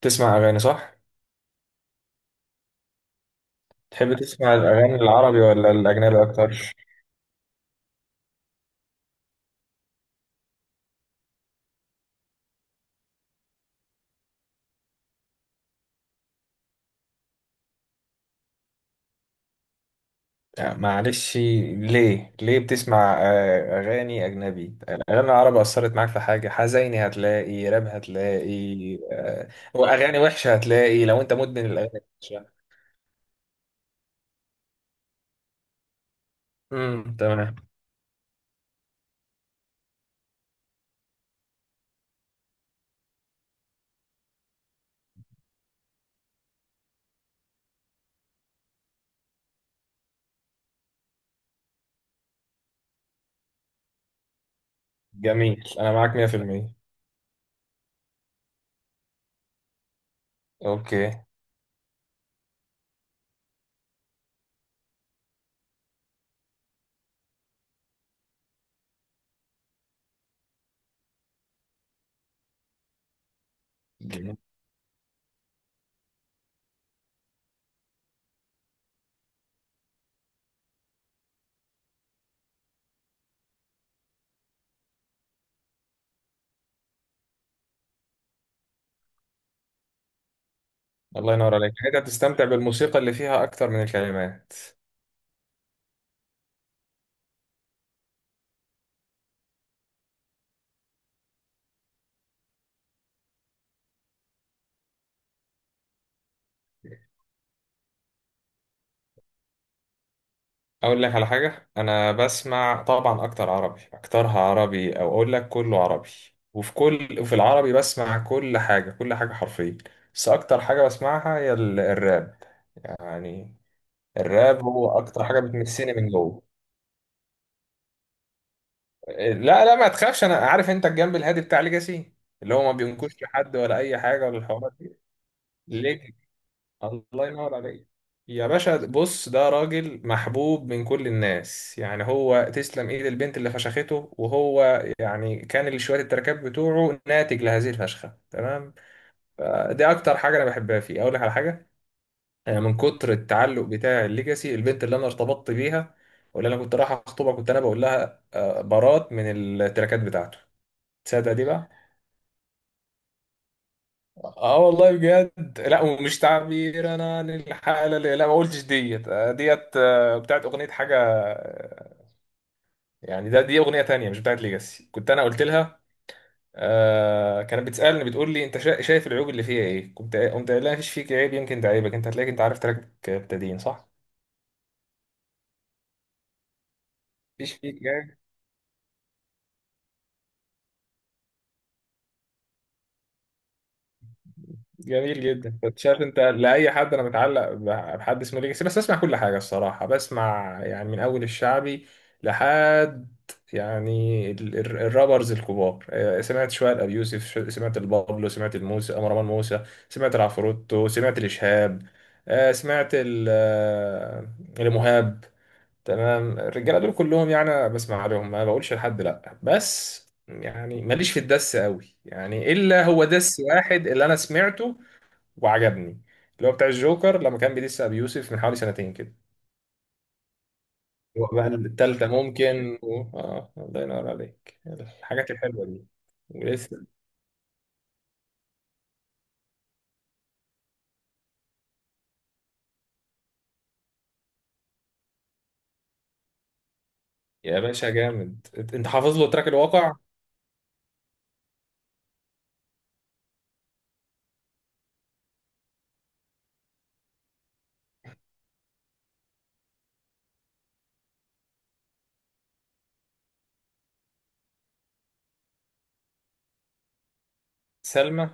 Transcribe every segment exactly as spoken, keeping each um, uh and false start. تسمع أغاني صح؟ تحب تسمع الأغاني العربي ولا الأجنبي أكتر؟ يعني معلش. ليه؟ ليه بتسمع آه، أغاني أجنبي؟ الأغاني العربي أثرت معاك في حاجة حزيني، هتلاقي راب، هتلاقي آه، وأغاني وحشة، هتلاقي لو أنت مدمن الأغاني الوحشة. امم تمام. جميل، أنا معاك مية في المية. أوكي. جميل. الله ينور عليك، يعني أنت بتستمتع بالموسيقى اللي فيها أكتر من الكلمات. اقول لك على حاجه، انا بسمع طبعا اكتر عربي، اكترها عربي او اقول لك كله عربي. وفي كل وفي العربي بسمع كل حاجه كل حاجه حرفيا. بس اكتر حاجه بسمعها هي ال- الراب، يعني. الراب هو اكتر حاجه بتمسني من جوه. لا لا، ما تخافش، انا عارف انت الجنب الهادي بتاع ليجاسي، اللي هو ما بينكوش لحد ولا اي حاجه ولا الحوارات دي. الله ينور عليك. يا باشا بص، ده راجل محبوب من كل الناس، يعني هو تسلم ايد البنت اللي فشخته، وهو يعني كان شوية التركات بتوعه ناتج لهذه الفشخة، تمام. دي اكتر حاجة انا بحبها فيه. اقول لك على حاجة، انا من كتر التعلق بتاع الليجاسي، البنت اللي انا ارتبطت بيها واللي انا كنت رايح اخطبها كنت انا بقول لها، آه، برات من التركات بتاعته. تصدق دي بقى. اه والله بجد، لا ومش تعبير انا عن الحالة اللي، لا ما قلتش ديت، آه، ديت، آه، بتاعت اغنية حاجة، آه، يعني ده دي اغنية تانية مش بتاعت ليجاسي كنت انا قلت لها. آه كانت بتسألني بتقول لي انت شا- شايف العيوب اللي فيها ايه، كنت قمت قايل لها مفيش فيك عيب، يمكن ده عيبك انت، هتلاقيك انت عارف تراك ابتدين صح؟ مفيش فيك. جميل جدا. كنت شايف انت لاي حد انا متعلق ب- بحد اسمه ليجاسي، بس اسمع كل حاجه الصراحه، بسمع يعني من اول الشعبي لحد يعني ال- ال- الرابرز الكبار، آه، سمعت شويه لابي يوسف، ش- سمعت البابلو، سمعت الموسى مروان موسى، سمعت العفروتو، سمعت الاشهاب، آه، سمعت ال- آه، المهاب. تمام، الرجاله دول كلهم يعني أنا بسمع عليهم ما بقولش لحد لا، بس يعني ماليش في الدس قوي، يعني الا هو دس واحد اللي انا سمعته وعجبني، اللي هو بتاع الجوكر لما كان بيدس ابي يوسف من حوالي سنتين كده. هو بقى التالتة ممكن و... اه الله ينور عليك الحاجات الحلوة دي. ولسه. يا باشا جامد، انت أنت حافظ له تراك الواقع. سلمى.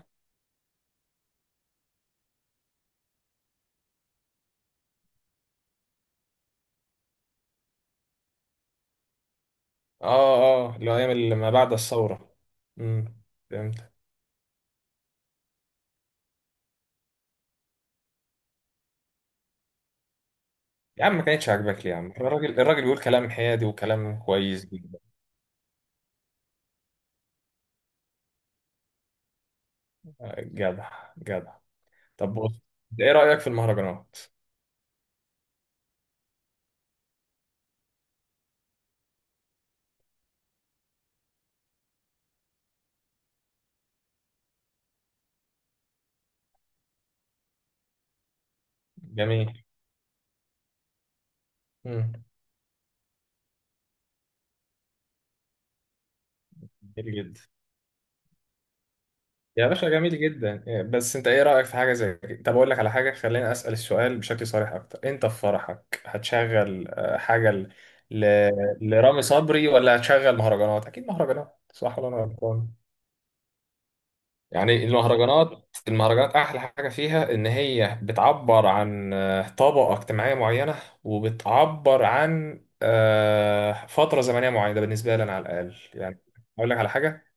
اه اه، اللي هو ايام ما بعد الثورة. امم فهمت. يا عم ما كانتش عاجباك ليه يا عم، الراجل الراجل بيقول كلام حيادي وكلام كويس جدا. آه، جدع جدع. طب بص، إنت ايه رأيك في المهرجانات؟ جميل. امم جميل جدا. يا باشا جميل جدا، إيه، بس انت ايه رأيك في حاجة زي كده؟ طب اقول لك على حاجة، خليني اسأل السؤال بشكل صريح اكتر، انت في فرحك هتشغل آه، حاجة ل... ل... لرامي صبري، ولا هتشغل مهرجانات؟ اكيد مهرجانات صح ولا انا غلطان؟ يعني المهرجانات المهرجانات احلى حاجة فيها ان هي بتعبر عن آه، طبقة اجتماعية معينة، وبتعبر عن آه، فترة زمنية معينة. ده بالنسبة لي انا على الاقل يعني. اقول لك على حاجة،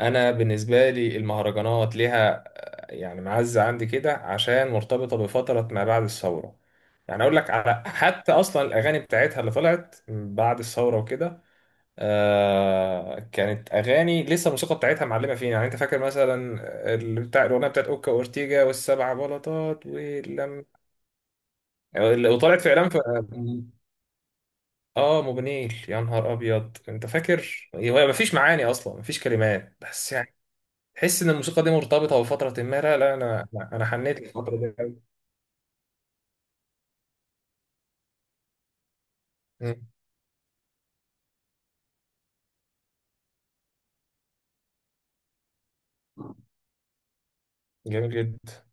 انا بالنسبه لي المهرجانات ليها آه، يعني معزه عندي كده عشان مرتبطه بفتره ما بعد الثوره. يعني اقول لك على حتى اصلا الاغاني بتاعتها اللي طلعت بعد الثوره وكده، آه كانت اغاني لسه الموسيقى بتاعتها معلمه فينا. يعني انت فاكر مثلا اللي بتاع الاغنيه بتاعت اوكا اورتيجا والسبع بلاطات واللم، وطلعت في اعلان في اه موبينيل؟ يا نهار ابيض. انت فاكر، هو مفيش معاني اصلا، مفيش كلمات بس تحس ان الموسيقى دي مرتبطه بفتره ما. لا لا، انا انا أنا حنيت الفتره دي قوي. مم. جميل جدا.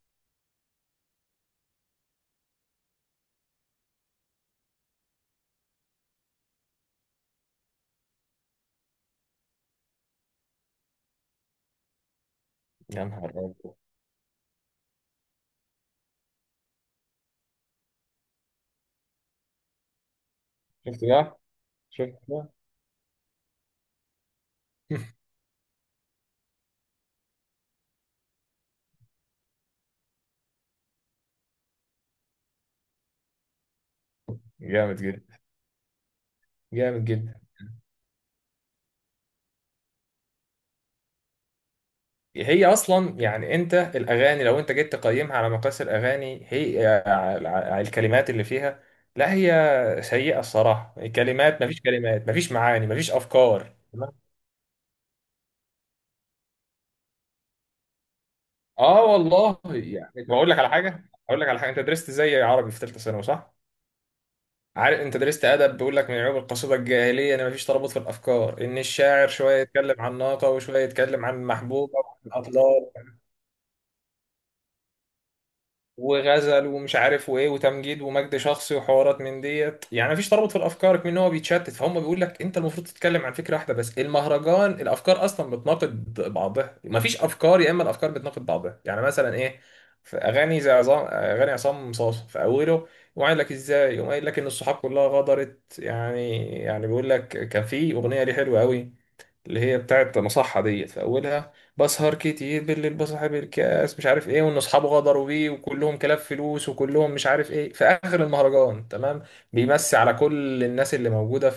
يا نهار ابيض. شفت بقى، شفت بقى. جامد جدا، جامد جدا. هي اصلا يعني انت الاغاني لو انت جيت تقيمها على مقاس الاغاني هي ع- ع- الكلمات اللي فيها لا هي سيئه الصراحه، الكلمات مفيش كلمات، مفيش معاني، مفيش افكار، تمام. اه والله يعني، طب اقول لك على حاجه اقول لك على حاجه، انت درست زي عربي في ثالثه ثانوي صح؟ عارف انت درست ادب، بيقول لك من عيوب القصيده الجاهليه ان مفيش ترابط في الافكار، ان الشاعر شويه يتكلم عن ناقه وشويه يتكلم عن محبوبه وعن اطلال وغزل ومش عارف وايه وتمجيد ومجد شخصي وحوارات من ديت، يعني مفيش ترابط في الافكار، كمان هو بيتشتت. فهم بيقول لك انت المفروض تتكلم عن فكره واحده، بس المهرجان الافكار اصلا بتناقض بعضها، مفيش افكار يا اما الافكار بتناقض بعضها. يعني مثلا ايه، في اغاني زي عظام اغاني عصام صاصا، في اوله يقوم قايل لك ازاي، يقوم قايل لك ان الصحاب كلها غدرت، يعني يعني بيقول لك كان في اغنيه ليه حلوه قوي، اللي هي بتاعت مصحة ديت، في أولها بسهر كتير بالليل بصاحب الكاس مش عارف إيه وإن أصحابه غدروا بيه وكلهم كلاب فلوس وكلهم مش عارف إيه. في آخر المهرجان تمام، بيمسي على كل الناس اللي موجودة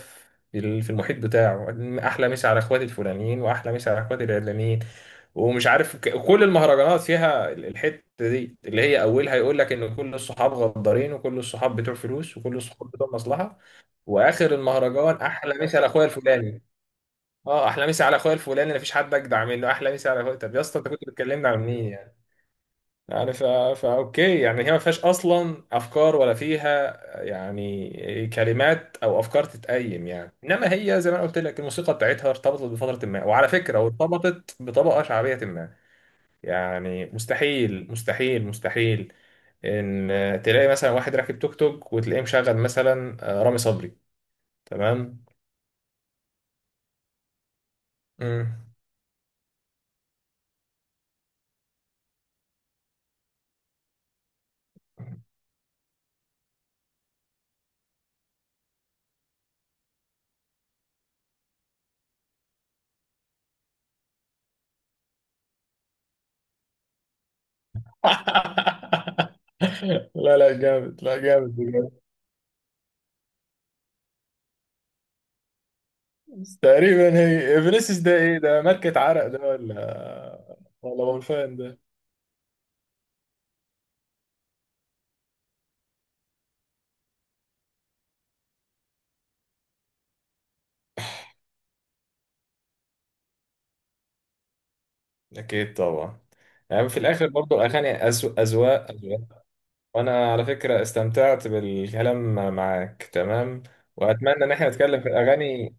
في ال- في المحيط بتاعه، أحلى مسا على إخواتي الفلانيين وأحلى مسا على إخواتي العلانيين، ومش عارف. ك- كل المهرجانات فيها ال- الحتة دي، اللي هي أولها يقول لك إن كل الصحاب غدارين وكل الصحاب بتوع فلوس وكل الصحاب بتوع مصلحة، وآخر المهرجان أحلى مسا على أخويا الفلاني. اه احلى مسا على اخويا الفلاني، مفيش حد اجدع منه، احلى مسا على اخويا. طب يا اسطى انت كنت بتكلمنا عن مين يعني؟ يعني فا فا اوكي يعني، هي ما فيهاش اصلا افكار ولا فيها يعني كلمات او افكار تتقيم، يعني انما هي زي ما أنا قلت لك الموسيقى بتاعتها ارتبطت بفتره ما، وعلى فكره وارتبطت بطبقه شعبيه ما. يعني مستحيل، مستحيل، مستحيل ان تلاقي مثلا واحد راكب توك توك وتلاقيه مشغل مثلا آه، رامي صبري، تمام؟ مم. لا لا، جامد، لا جامد بجد. تقريبا هي فينيسيوس، ده ايه ده؟ ماركة عرق ده ولا ولا بولفان ده؟ اكيد طبعا. يعني في الاخر برضو الاغاني أزو- اذواق اذواق. وانا على فكره استمتعت بالكلام معاك، تمام. واتمنى ان احنا نتكلم في الاغاني.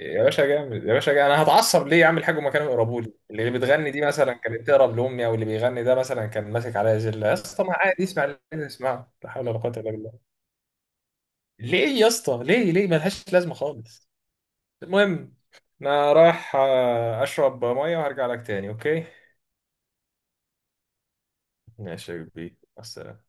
يا باشا جامد، يا باشا جامد. انا هتعصب ليه اعمل حاجه وما كانوا يقربوا لي اللي بتغني دي مثلا كانت تقرب لامي او اللي بيغني ده مثلا كان ماسك عليا زله؟ يا اسطى ما عادي اسمع اللي عايز اسمعه، لا حول ولا قوه الا بالله. ليه يا اسطى، ليه ليه؟ ملهاش لازمه خالص. المهم، انا رايح آه، اشرب ميه وهرجع لك تاني، اوكي؟ ماشي يا كبير بس